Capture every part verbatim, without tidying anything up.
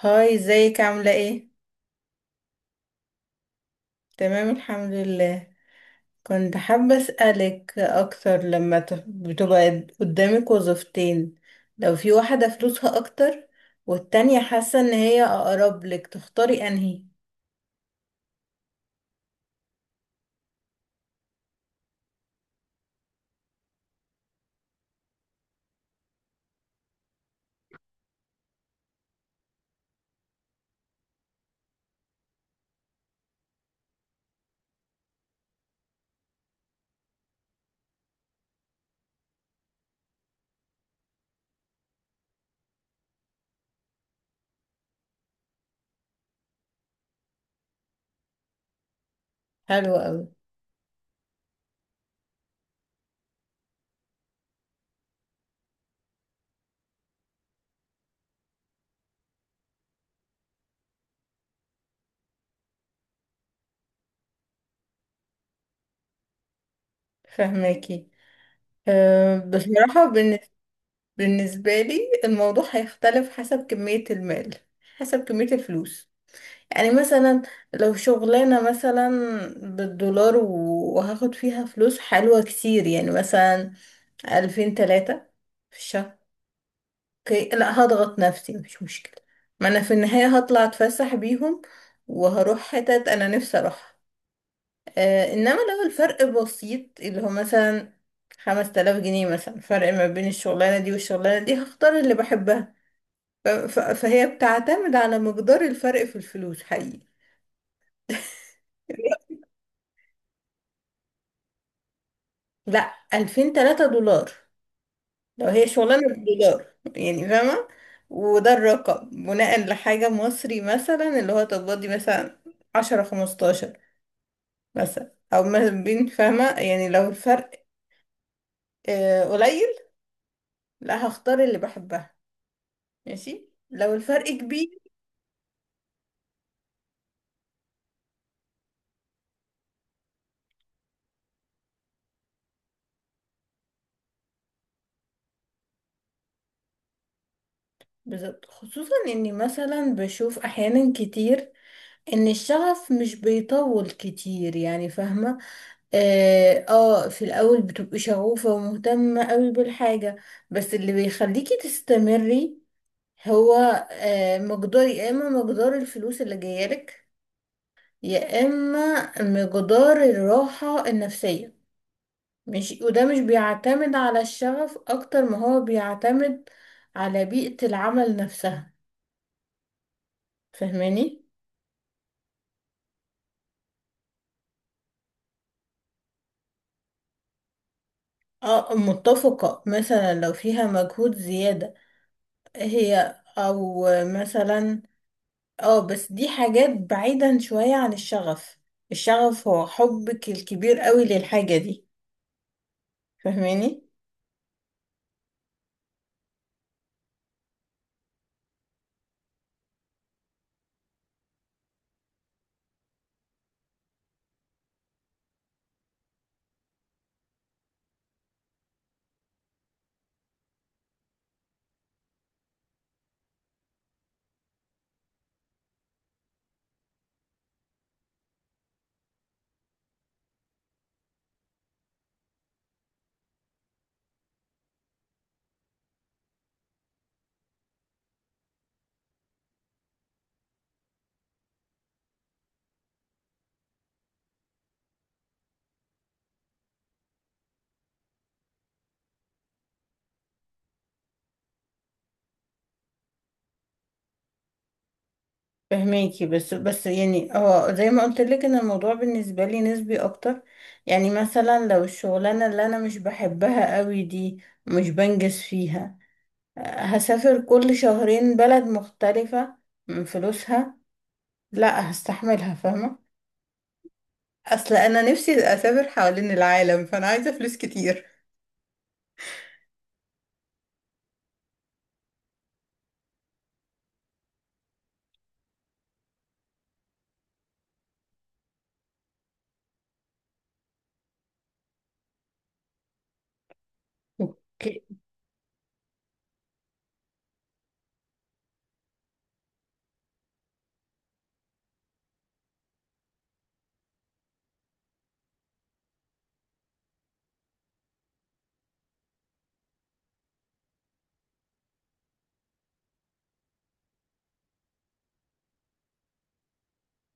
هاي، ازيك؟ عاملة ايه؟ تمام، الحمد لله. كنت حابة أسألك أكتر. لما ت- بتبقى قدامك وظيفتين، لو في واحدة فلوسها أكتر والتانية حاسة إن هي أقرب لك، تختاري أنهي؟ حلو أوي. فهماكي. أه، بصراحة بالنس- بالنسبة لي الموضوع هيختلف حسب كمية المال، حسب كمية الفلوس. يعني مثلا لو شغلانة مثلا بالدولار و- وهاخد فيها فلوس حلوة كتير، يعني مثلا ألفين تلاتة في الشهر، اوكي، لا هضغط نفسي، مش مشكلة. ما أنا في النهاية هطلع أتفسح بيهم، وهروح حتت أنا نفسي أروحها. آه، إنما لو الفرق بسيط، اللي هو مثلا خمس تلاف جنيه مثلا فرق ما بين الشغلانة دي والشغلانة دي، هختار اللي بحبها. ف- ف- فهي بتعتمد على مقدار الفرق في الفلوس حقيقي. لا، ألفين تلاتة دولار. لو هي شغلانة بدولار يعني، فاهمة. وده الرقم بناء لحاجة مصري، مثلا اللي هو تقبضي مثلا عشرة خمستاشر مثلا، أو ما بين، فاهمة؟ يعني لو الفرق آه، قليل، لا هختار اللي بحبها. ماشي، لو الفرق كبير. بالظبط، خصوصا اني مثلا بشوف احيانا كتير ان الشغف مش بيطول كتير، يعني فاهمة. اه، آه، في الاول بتبقي شغوفة ومهتمة قوي بالحاجة، بس اللي بيخليكي تستمري هو آه مقدار، يا اما مقدار الفلوس اللي جايلك، يا اما مقدار الراحة النفسية. مش وده مش بيعتمد على الشغف اكتر ما هو بيعتمد على بيئة العمل نفسها، فاهماني؟ اه، متفقة. مثلا لو فيها مجهود زيادة هي او مثلا، اه، بس دي حاجات بعيدا شوية عن الشغف. الشغف هو حبك الكبير قوي للحاجة دي، فهماني؟ فهماكي. بس بس يعني اه، زي ما قلت لك ان الموضوع بالنسبة لي نسبي اكتر. يعني مثلا لو الشغلانة اللي انا مش بحبها قوي دي مش بنجز فيها، آه، هسافر كل شهرين بلد مختلفة من فلوسها، لا هستحملها، فاهمة. اصل انا نفسي اسافر حوالين العالم، فانا عايزه فلوس كتير. اوكي.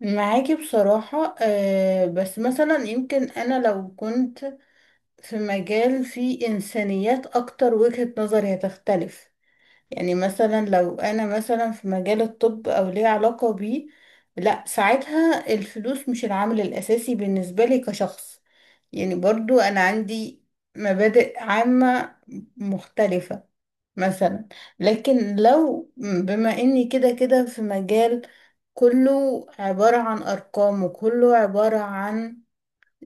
معاكي بصراحة. آه بس مثلا يمكن انا لو كنت في مجال فيه انسانيات اكتر وجهة نظري هتختلف. يعني مثلا لو انا مثلا في مجال الطب او ليه علاقة بيه، لا ساعتها الفلوس مش العامل الاساسي بالنسبة لي كشخص. يعني برضو انا عندي مبادئ عامة مختلفة مثلا. لكن لو بما اني كده كده في مجال كله عبارة عن ارقام، وكله عبارة عن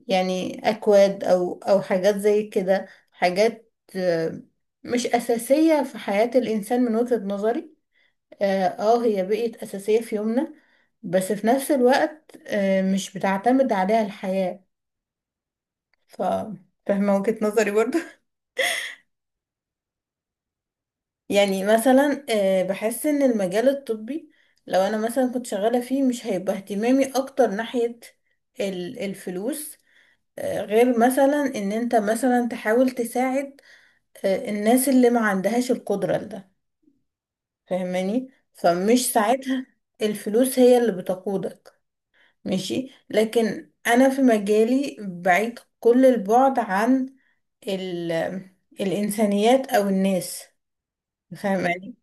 يعني اكواد او او حاجات زي كده، حاجات آه، مش اساسية في حياة الانسان من وجهة نظري. اه، آه، هي بقت اساسية في يومنا، بس في نفس الوقت آه، مش بتعتمد عليها الحياة. ف فاهمة وجهة نظري برضو؟ يعني مثلا آه، بحس ان المجال الطبي لو انا مثلا كنت شغالة فيه مش هيبقى اهتمامي اكتر ناحية ال- الفلوس. آه، غير مثلا ان انت مثلا تحاول تساعد آه، الناس اللي ما عندهاش القدرة لده، فاهماني؟ فمش ساعتها الفلوس هي اللي بتقودك. ماشي، لكن انا في مجالي بعيد كل البعد عن ال- الانسانيات او الناس، فاهماني؟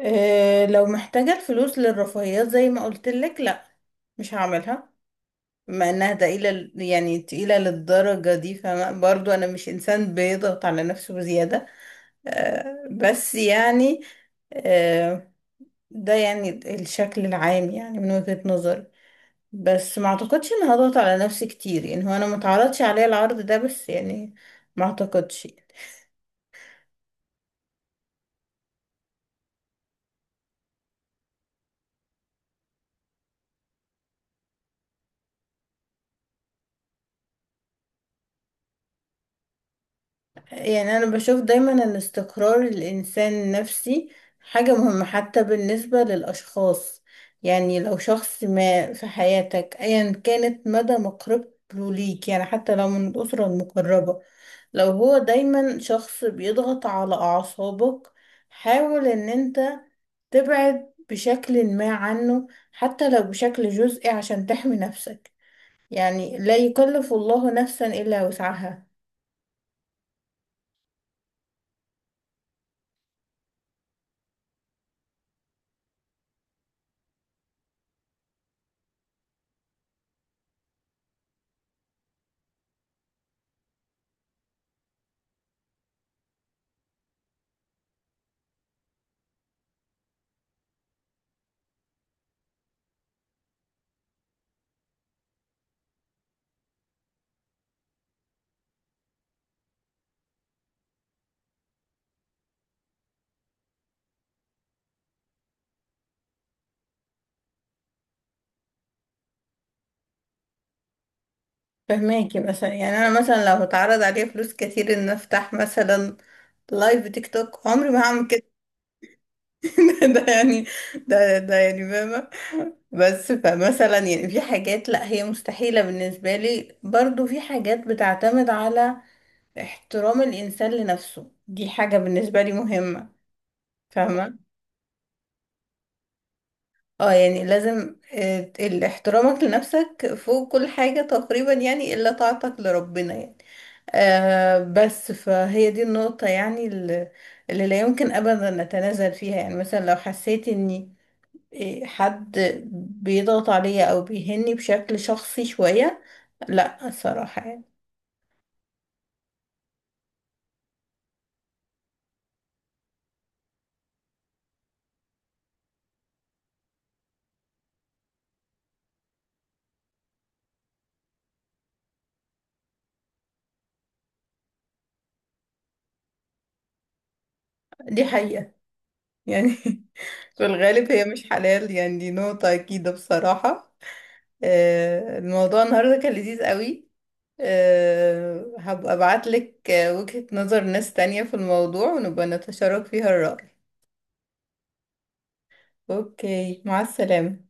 إيه، لو محتاجة الفلوس للرفاهيات زي ما قلت لك، لا مش هعملها. بما انها تقيلة، ل- يعني تقيلة للدرجة دي، فبرضو انا مش انسان بيضغط على نفسه بزيادة. آه، بس يعني، آه، ده يعني الشكل العام يعني من وجهة نظري. بس ما اعتقدش ان هضغط على نفسي كتير، يعني هو انا ما اتعرضش عليا العرض ده، بس يعني ما اعتقدش. يعني أنا بشوف دايما إن استقرار الإنسان النفسي حاجة مهمة، حتى بالنسبة للأشخاص. يعني لو شخص ما في حياتك أيا كانت مدى مقربته ليك، يعني حتى لو من الأسرة المقربة، لو هو دايما شخص بيضغط على أعصابك، حاول إن أنت تبعد بشكل ما عنه، حتى لو بشكل جزئي، عشان تحمي نفسك. يعني لا يكلف الله نفسا إلا وسعها. فهماكي، مثلا يعني انا مثلا لو اتعرض عليا فلوس كتير ان افتح مثلا لايف تيك توك، عمري ما هعمل كده. ده يعني، ده ده يعني فاهمة. بس فمثلا يعني في حاجات لا هي مستحيلة بالنسبة لي. برضو في حاجات بتعتمد على احترام الانسان لنفسه، دي حاجة بالنسبة لي مهمة. فاهمة. اه، يعني لازم آه، ال- احترامك لنفسك فوق كل حاجة تقريبا، يعني الا طاعتك لربنا يعني. آه بس فهي دي النقطة يعني اللي, اللي لا يمكن أبدا أتنازل فيها. يعني مثلا لو حسيت إني إيه، حد بيضغط عليا أو بيهني بشكل شخصي شوية، لا، الصراحة يعني. دي حقيقة يعني. في الغالب هي مش حلال يعني، دي نقطة أكيدة بصراحة. آه، الموضوع النهاردة كان لذيذ قوي. آه، هبقى أبعتلك آه، وجهة نظر ناس تانية في الموضوع ونبقى نتشارك فيها الرأي. أوكي، مع السلامة.